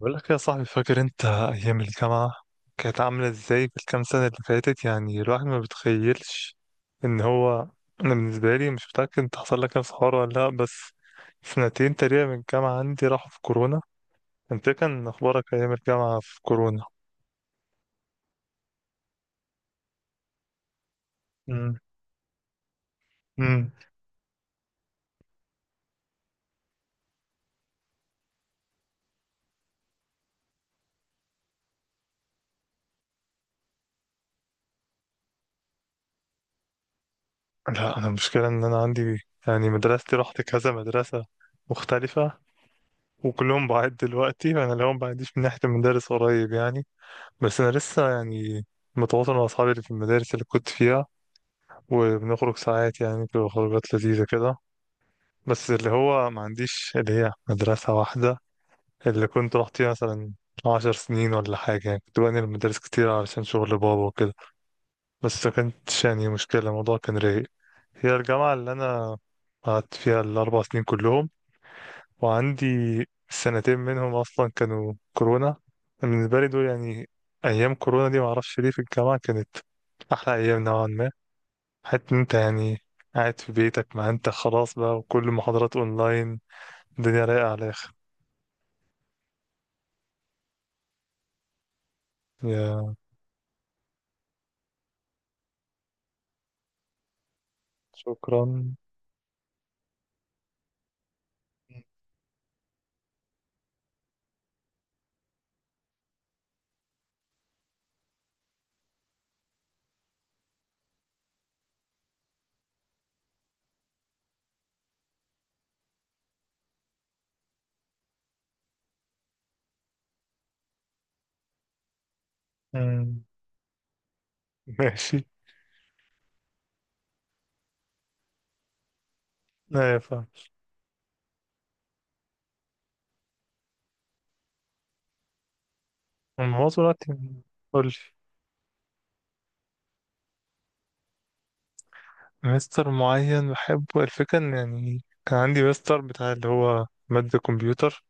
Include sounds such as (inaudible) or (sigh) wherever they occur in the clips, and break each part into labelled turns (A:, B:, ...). A: بقول لك يا صاحبي، فاكر انت ايام الجامعه كانت عامله ازاي في الكام سنه اللي فاتت؟ يعني الواحد ما بيتخيلش ان هو انا بالنسبه لي مش متاكد انت حصل لك نفس الحوار ولا لا، بس سنتين تقريبا من الجامعه عندي راحوا في كورونا. انت إيه كان اخبارك ايام الجامعه في كورونا؟ امم. امم. لا، انا المشكله ان انا عندي، يعني مدرستي رحت كذا مدرسه مختلفه، وكلهم بعيد دلوقتي، وانا لهم بعيدش من ناحيه المدارس قريب يعني. بس انا لسه يعني متواصل مع اصحابي اللي في المدارس اللي كنت فيها، وبنخرج ساعات يعني، بتبقى خروجات لذيذه كده. بس اللي هو ما عنديش اللي هي مدرسه واحده اللي كنت رحت فيها مثلا 10 سنين ولا حاجه، يعني كنت بنقل المدارس كتير علشان شغل بابا وكده. بس ما كانتش يعني مشكله، الموضوع كان رايق. هي الجامعه اللي انا قعدت فيها الاربع سنين كلهم، وعندي سنتين منهم أصلا كانوا كورونا. بالنسبة لي دول يعني، أيام كورونا دي معرفش ليه في الجامعة كانت أحلى أيام نوعا ما. حتى إن أنت يعني قاعد في بيتك، ما أنت خلاص بقى وكل المحاضرات أونلاين، الدنيا رايقة على الآخر. يا. شكرا. مم. (laughs) ماشي. لا يا، فاهم. الموضوع دلوقتي. قول. مستر معين بحبه، الفكرة إن يعني كان عندي مستر بتاع اللي هو مادة كمبيوتر.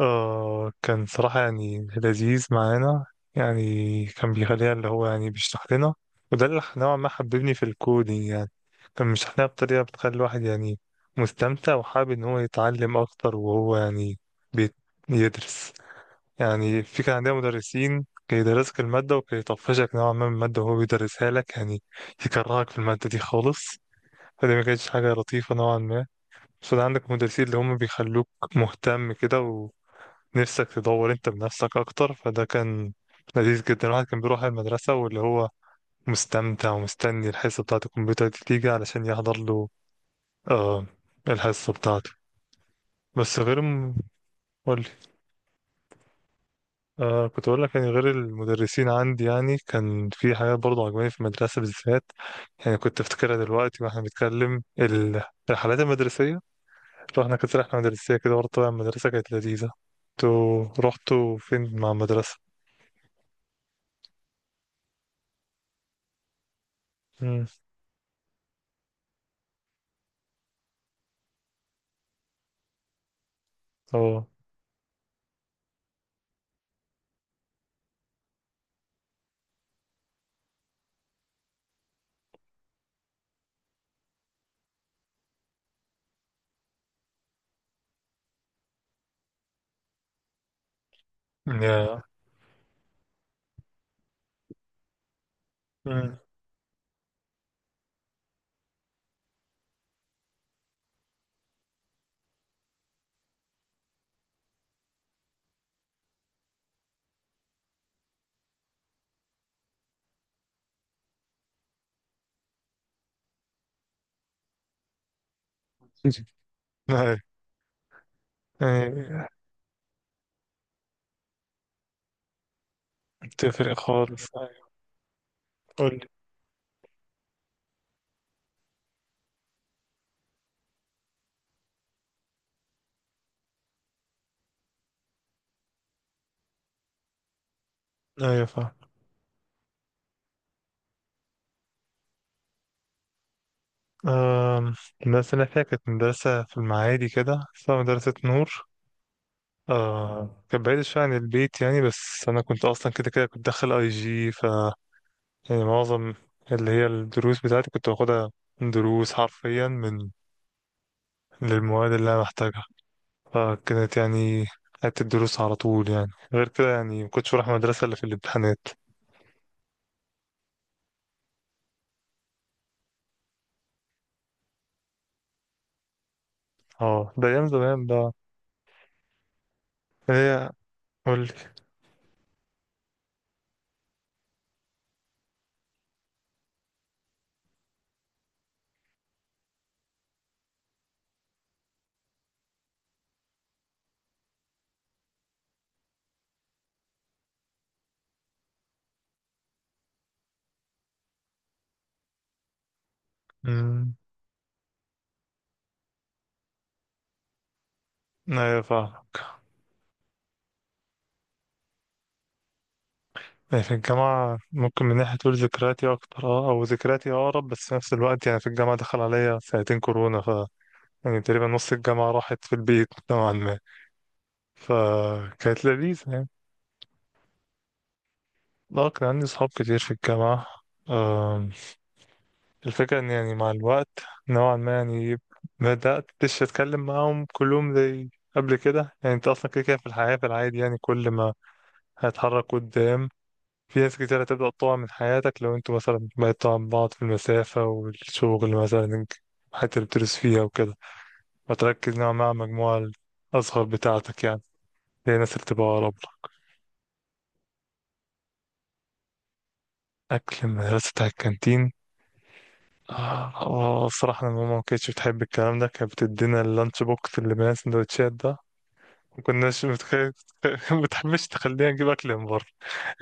A: آه، كان صراحة يعني لذيذ معانا. يعني كان بيخليها اللي هو يعني بيشرح لنا، وده اللي نوعا ما حببني في الكودينج يعني. كان بيشرح لنا بطريقة بتخلي الواحد يعني مستمتع، وحابب إن هو يتعلم أكتر وهو يعني بيت- بيدرس. يعني في كان عندنا مدرسين كان يدرسك المادة، وكان يطفشك نوعا ما من المادة وهو بيدرسها لك يعني، يكرهك في المادة دي خالص. فدي ما كانتش حاجة لطيفة نوعا ما. بس عندك مدرسين اللي هم بيخلوك مهتم كده، نفسك تدور انت بنفسك اكتر. فده كان لذيذ جدا، الواحد كان بيروح المدرسة واللي هو مستمتع، ومستني الحصة بتاعة الكمبيوتر دي تيجي علشان يحضر له آه الحصة بتاعته. بس غير م... قولي. آه، كنت أقول لك يعني غير المدرسين عندي، يعني كان في حاجات برضه عجباني في المدرسة بالذات. يعني كنت أفتكرها دلوقتي وإحنا بنتكلم، الرحلات المدرسية. رحنا كانت رحلة مدرسية كده برضه، طبعا المدرسة كانت لذيذة. انتوا رحتوا فين مع المدرسة؟ مم. اه. مم. (laughs) أيوة. أيوة، بتفرق خالص. أيوة. قول لي. أيوة، فاهم. أم، المدرسة اللي أنا فيها كانت مدرسة في المعادي كده اسمها مدرسة نور. أه، كانت بعيدة شوية عن البيت يعني، بس أنا كنت أصلا كده كده كنت داخل أي جي ف. يعني معظم اللي هي الدروس بتاعتي كنت باخدها دروس حرفيا للمواد اللي أنا محتاجها. فكانت يعني قعدت الدروس على طول يعني، غير كده يعني مكنتش بروح المدرسة إلا في الامتحانات. اه ده أيام زمان بقى. هي. قولك. امم. ايوه، فاهمك. يعني في الجامعة ممكن من ناحية تقول ذكرياتي أكتر، اه، أو ذكرياتي أقرب، بس في نفس الوقت يعني في الجامعة دخل عليا سنتين كورونا، ف يعني تقريبا نص الجامعة راحت في البيت نوعا ما. فكانت لذيذة يعني. اه، كان عندي صحاب كتير في الجامعة. آم، الفكرة إن يعني مع الوقت نوعا ما يعني بدأت مش أتكلم معاهم كلهم زي قبل كده. يعني أنت أصلا كده كده في الحياة في العادي يعني كل ما هتحرك قدام، في ناس كتير هتبدأ تقع من حياتك لو انتوا مثلا بعدتوا عن بعض في المسافة، والشغل مثلا، الحتة اللي بتدرس فيها وكده. فتركز نوعا ما على المجموعة الأصغر بتاعتك يعني، هي الناس اللي بتبقى أقرب لك. أكل المدرسة بتاع الكانتين. آه آه، الصراحة أنا ماما ما كانتش بتحب الكلام ده، كانت بتدينا اللانش بوكس اللي بين السندوتشات ده. ما كناش متخيل (laughs) ما بتحبش تخلينا نجيب أكل من بره،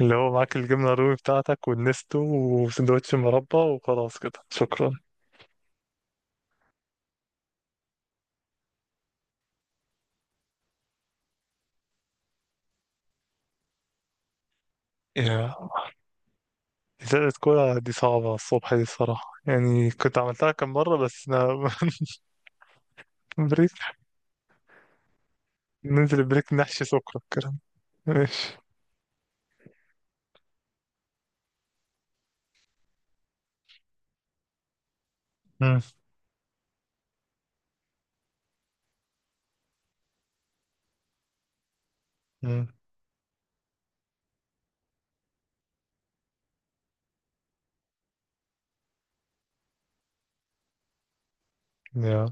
A: اللي هو معاك الجبنة الرومي بتاعتك والنستو وسندوتش مربى وخلاص كده شكرا. إزالة كرة دي صعبة الصبح دي الصراحة، يعني كنت عملتها كم مرة بس أنا (laughs) بريك. ننزل بريك نحشي سكر الكلام. ماشي. مم. مم. يا.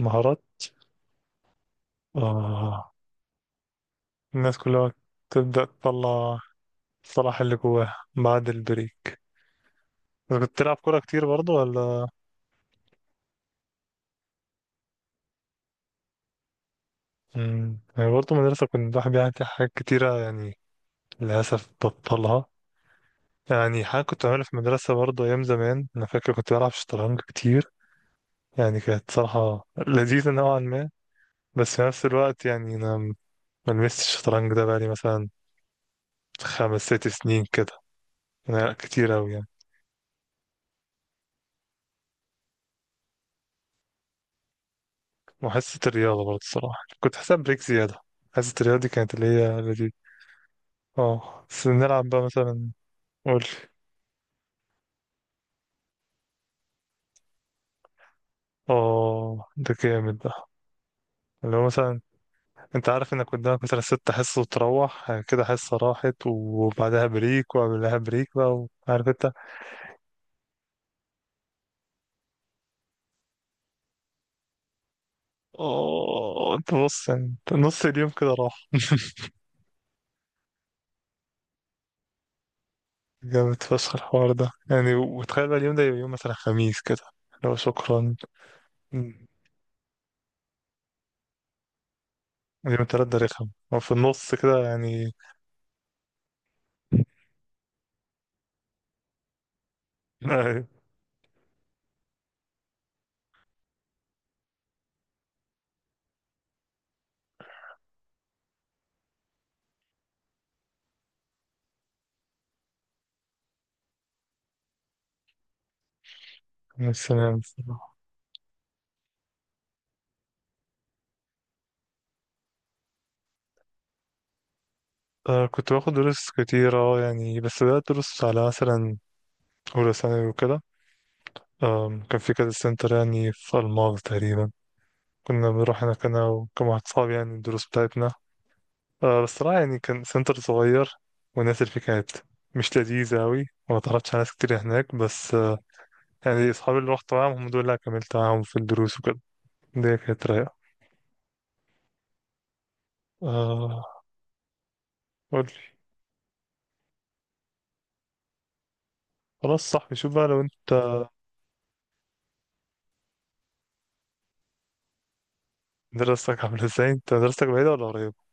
A: مهارات. آه، الناس كلها تبدأ تطلع الصلاح اللي جواها بعد البريك. بس كنت تلعب كورة كتير برضو ولا؟ مم. يعني برضو مدرسة، كنت الواحد بيعمل فيها حاجات كتيرة يعني، للأسف بطلها. يعني حاجة كنت بعملها في المدرسة برضو أيام زمان، أنا فاكر كنت بلعب شطرنج كتير، يعني كانت صراحة لذيذة نوعا ما. بس في نفس الوقت يعني أنا ما لمستش الشطرنج ده بقالي مثلا خمس ست سنين كده. أنا، كتير أوي يعني. وحصة الرياضة برضه الصراحة كنت حاسب بريك زيادة. حصة الرياضة دي كانت اللي هي لذيذة. اه بس نلعب بقى مثلا. قول. اه، ده جامد ده. اللي هو مثلا، انت عارف انك قدامك مثلا 6 حصص، وتروح كده حصة راحت وبعدها بريك وقبلها بريك بقى، وعارف انت. اه انت بص، يعني نص اليوم كده راح (laughs) جامد فشخ الحوار ده يعني، وتخيل بقى اليوم ده يبقى يوم مثلا خميس كده. لو. شكرا. مم. اليوم التلات ده رخم، هو في النص كده يعني. (laughs) أيوة. مش سلام الصراحة. آه، كنت باخد دروس كتيرة يعني، بس بدأت دروس على مثلا أولى ثانوي وكده. كان في كذا سنتر يعني في ألماظ تقريبا، كنا بنروح هناك أنا وكم واحد صاحبي يعني الدروس بتاعتنا. آه بس صراحة يعني كان سنتر صغير، والناس اللي فيه كانت مش لذيذة أوي، وما تعرفتش على ناس كتير هناك. بس يعني أصحابي اللي رحت معاهم هم دول اللي كملت معاهم في الدروس وكده. دي كانت رايقة. آه. قولي. خلاص صاحبي، شوف بقى لو أنت. دراستك (laughs) عاملة ازاي؟ أنت دراستك بعيدة ولا قريبة؟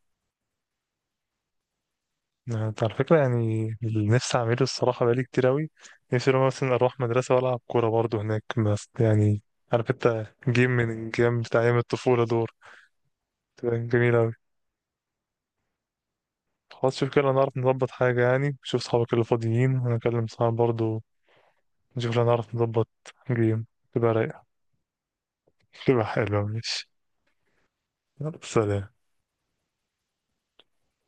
A: آه، أنت على فكرة يعني اللي نفسي أعمله الصراحة بقالي كتير أوي. نفسي لو مثلا أروح مدرسة وألعب كورة برضه هناك، بس يعني عارف أنت جيم من الجيم بتاع أيام الطفولة دول، تبقى جميلة أوي. خلاص، شوف كده نعرف نظبط حاجة يعني، شوف صحابك اللي فاضيين وأنا أكلم صحابي برضه، نشوف لو نعرف نظبط جيم تبقى رايقة، تبقى حلوة. ماشي. يلا سلام.